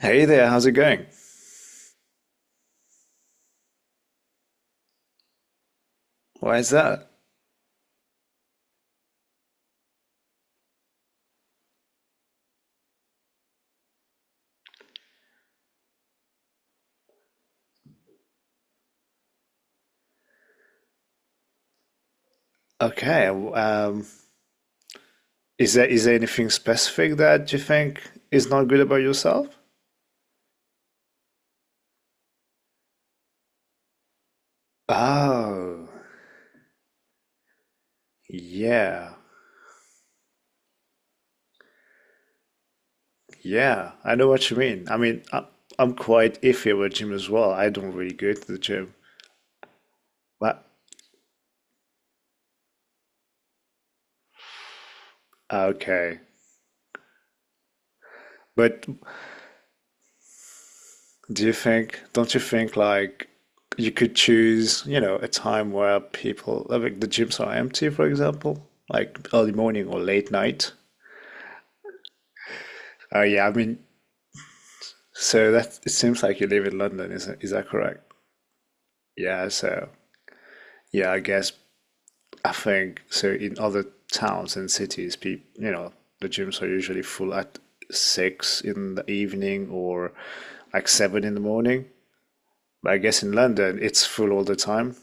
Hey there, how's it going? Why is that? Okay, is there anything specific that you think is not good about yourself? Oh, yeah, yeah, I know what you mean. I'm quite iffy about gym as well. I don't really go to the gym. But okay, but do you think, don't you think like you could choose, you know, a time where people, like the gyms are empty, for example, like early morning or late night? Oh yeah, I mean, so that it seems like you live in London, is that correct? Yeah, so yeah, I guess I think so in other towns and cities, people, you know, the gyms are usually full at 6 in the evening or like 7 in the morning. But I guess in London, it's full all the time.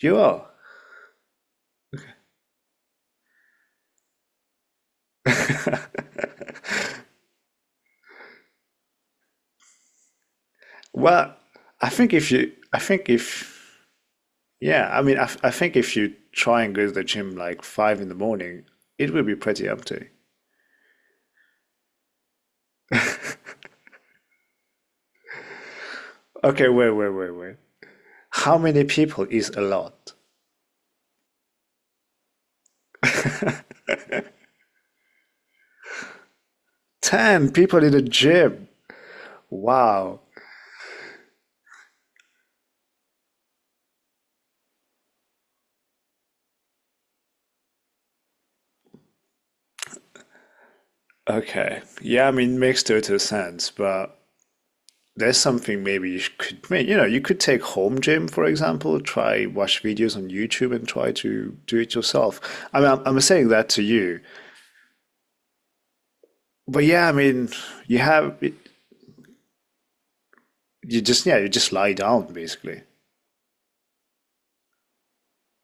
You are. Well, I think if you, I think if, yeah, I think if you try and go to the gym like 5 in the morning, it will be pretty empty. Okay, wait, wait, wait, wait. How many people is a lot? 10 people in the gym. Wow. Okay. Yeah, I mean, makes total sense, but there's something maybe you could make. You know, you could take home gym, for example, try watch videos on YouTube and try to do it yourself. I mean, I'm saying that to you. But yeah, I mean, you have, you just, yeah, you just lie down basically.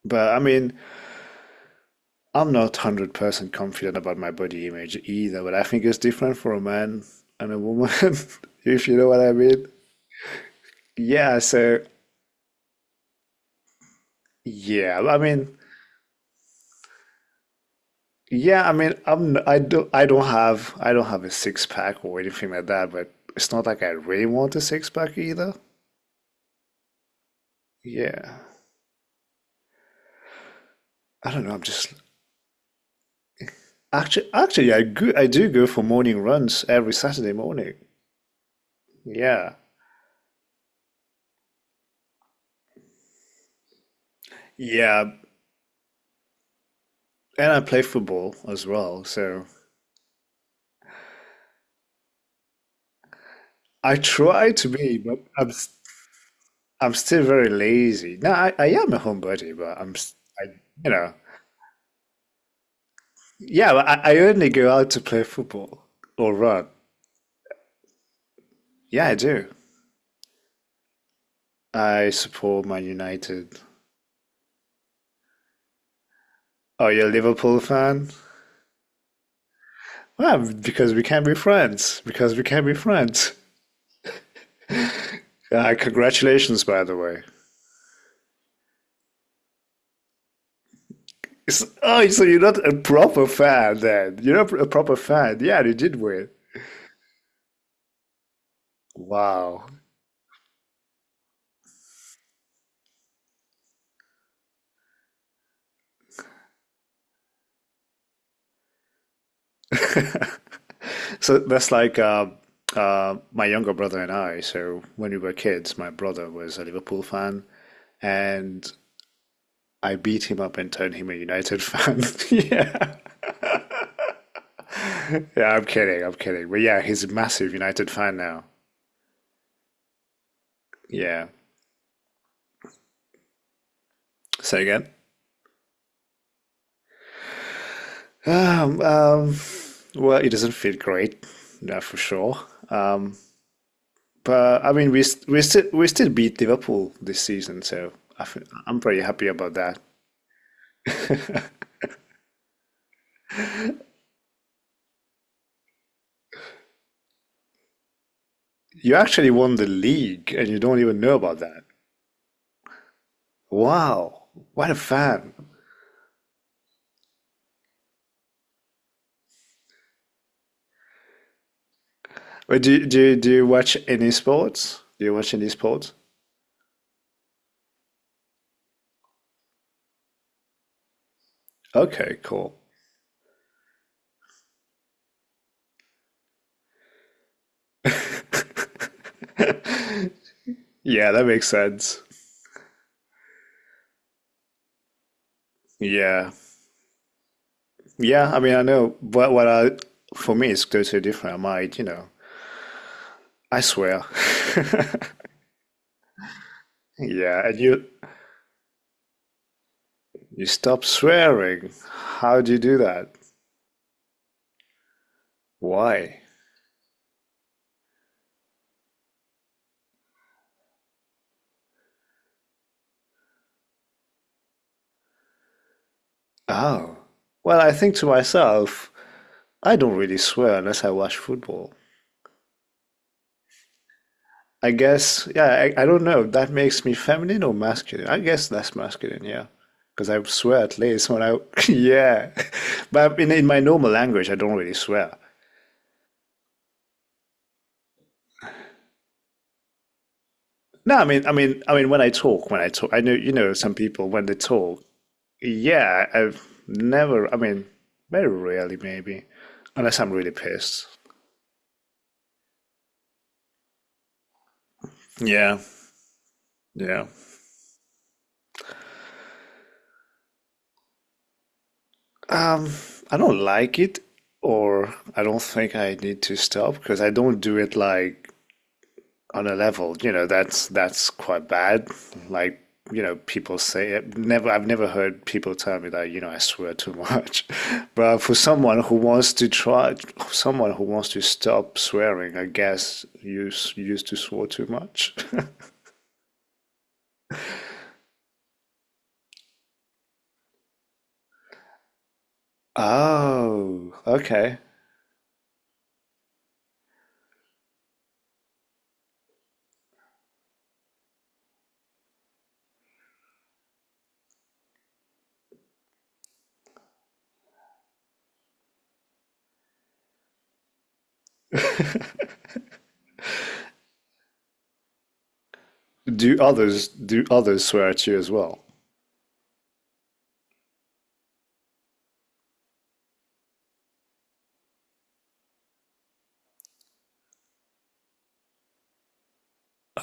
But I mean, I'm not 100% confident about my body image either, but I think it's different for a man and a woman, if you know what I mean. Yeah, so yeah, I mean, yeah, I mean, I'm I don't have a six pack or anything like that, but it's not like I really want a six pack either. Yeah. I don't know, I'm just actually I do go for morning runs every Saturday morning. Yeah. Yeah, and I play football as well, so I try to be, but I'm still very lazy. No, I am a homebody, but I'm, s- I, you know, yeah, but I only go out to play football or run. Yeah, I do. I support Man United. Oh, you are a Liverpool fan? Well, because we can be friends. Because we can be friends. Congratulations, by the way. Oh, so you're not a proper fan then. You're not a proper fan. Yeah, they did win. Wow. So that's like my younger brother and I. So when we were kids, my brother was a Liverpool fan, and I beat him up and turned him a United fan. yeah, yeah, I'm kidding, I'm kidding. But yeah, he's a massive United fan now. Yeah. Say again. Um, um, well, it doesn't feel great, that's for sure. Um, but I mean, we still beat Liverpool this season, so I f I'm pretty happy about that. You actually won the league, and you don't even know about that. Wow, what a fan. Wait, do you watch any sports? Do you watch any sports? Okay, cool. Yeah, that makes sense. Yeah. Yeah, I mean, I know, but for me, it's totally different. I might, you know, I swear. Yeah, and you stop swearing. How do you do that? Why? Oh. Well, I think to myself, I don't really swear unless I watch football. I guess, yeah, I don't know. That makes me feminine or masculine? I guess that's masculine, yeah. Because I swear at least yeah. But in my normal language, I don't really swear. No, I mean, when I talk, I know, you know, some people when they talk, yeah, I've never, I mean, very rarely maybe, unless I'm really pissed. Yeah, yeah. Um, I don't like it, or I don't think I need to stop because I don't do it like on a level, you know, that's quite bad. Like, you know, people say it. Never, I've never heard people tell me that, you know, I swear too much. But for someone who wants to try, someone who wants to stop swearing, I guess you used to swear too much. Oh, okay. Do others swear at you as well?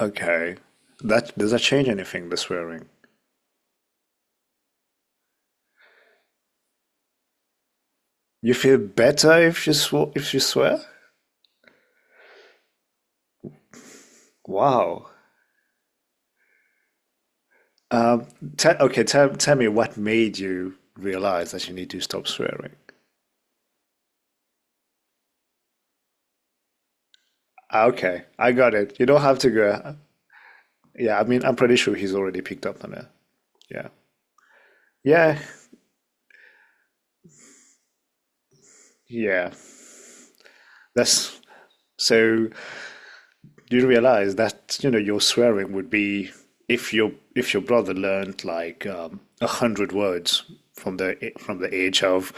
Okay. That does that change anything, the swearing? You feel better if you sw if you swear? Wow. Um, te okay, tell me what made you realize that you need to stop swearing. Ah, okay, I got it. You don't have to go. Yeah, I mean, I'm pretty sure he's already picked up on it. Yeah, yeah, yeah. That's so. You realize that, you know, your swearing would be if your brother learned like 100 words from the age of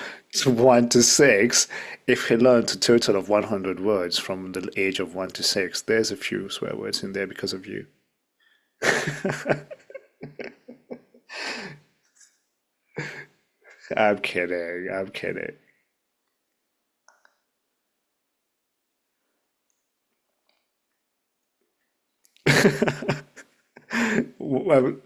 1 to 6, if he learned a total of 100 words from the age of one to six, there's a few swear words in there because of you. I'm kidding. I'm kidding. Well,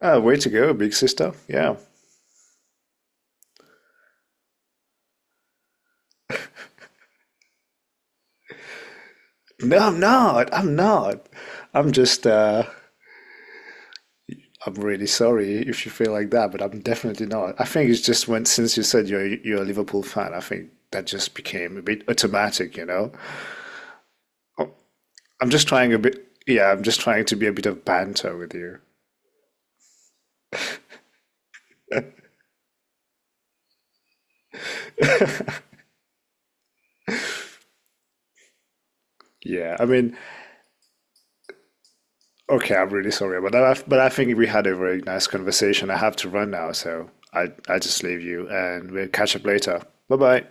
way to go, big sister. Yeah. No, I'm not. I'm not. I'm just I'm really sorry if you feel like that, but I'm definitely not. I think it's just when since you said you're a Liverpool fan, I think that just became a bit automatic, you know? I'm just trying a bit, yeah, I'm just trying to be a bit of banter with you. Yeah, I mean, okay, I'm really sorry about that, but I think we had a very nice conversation. I have to run now, so I just leave you and we'll catch up later. Bye bye.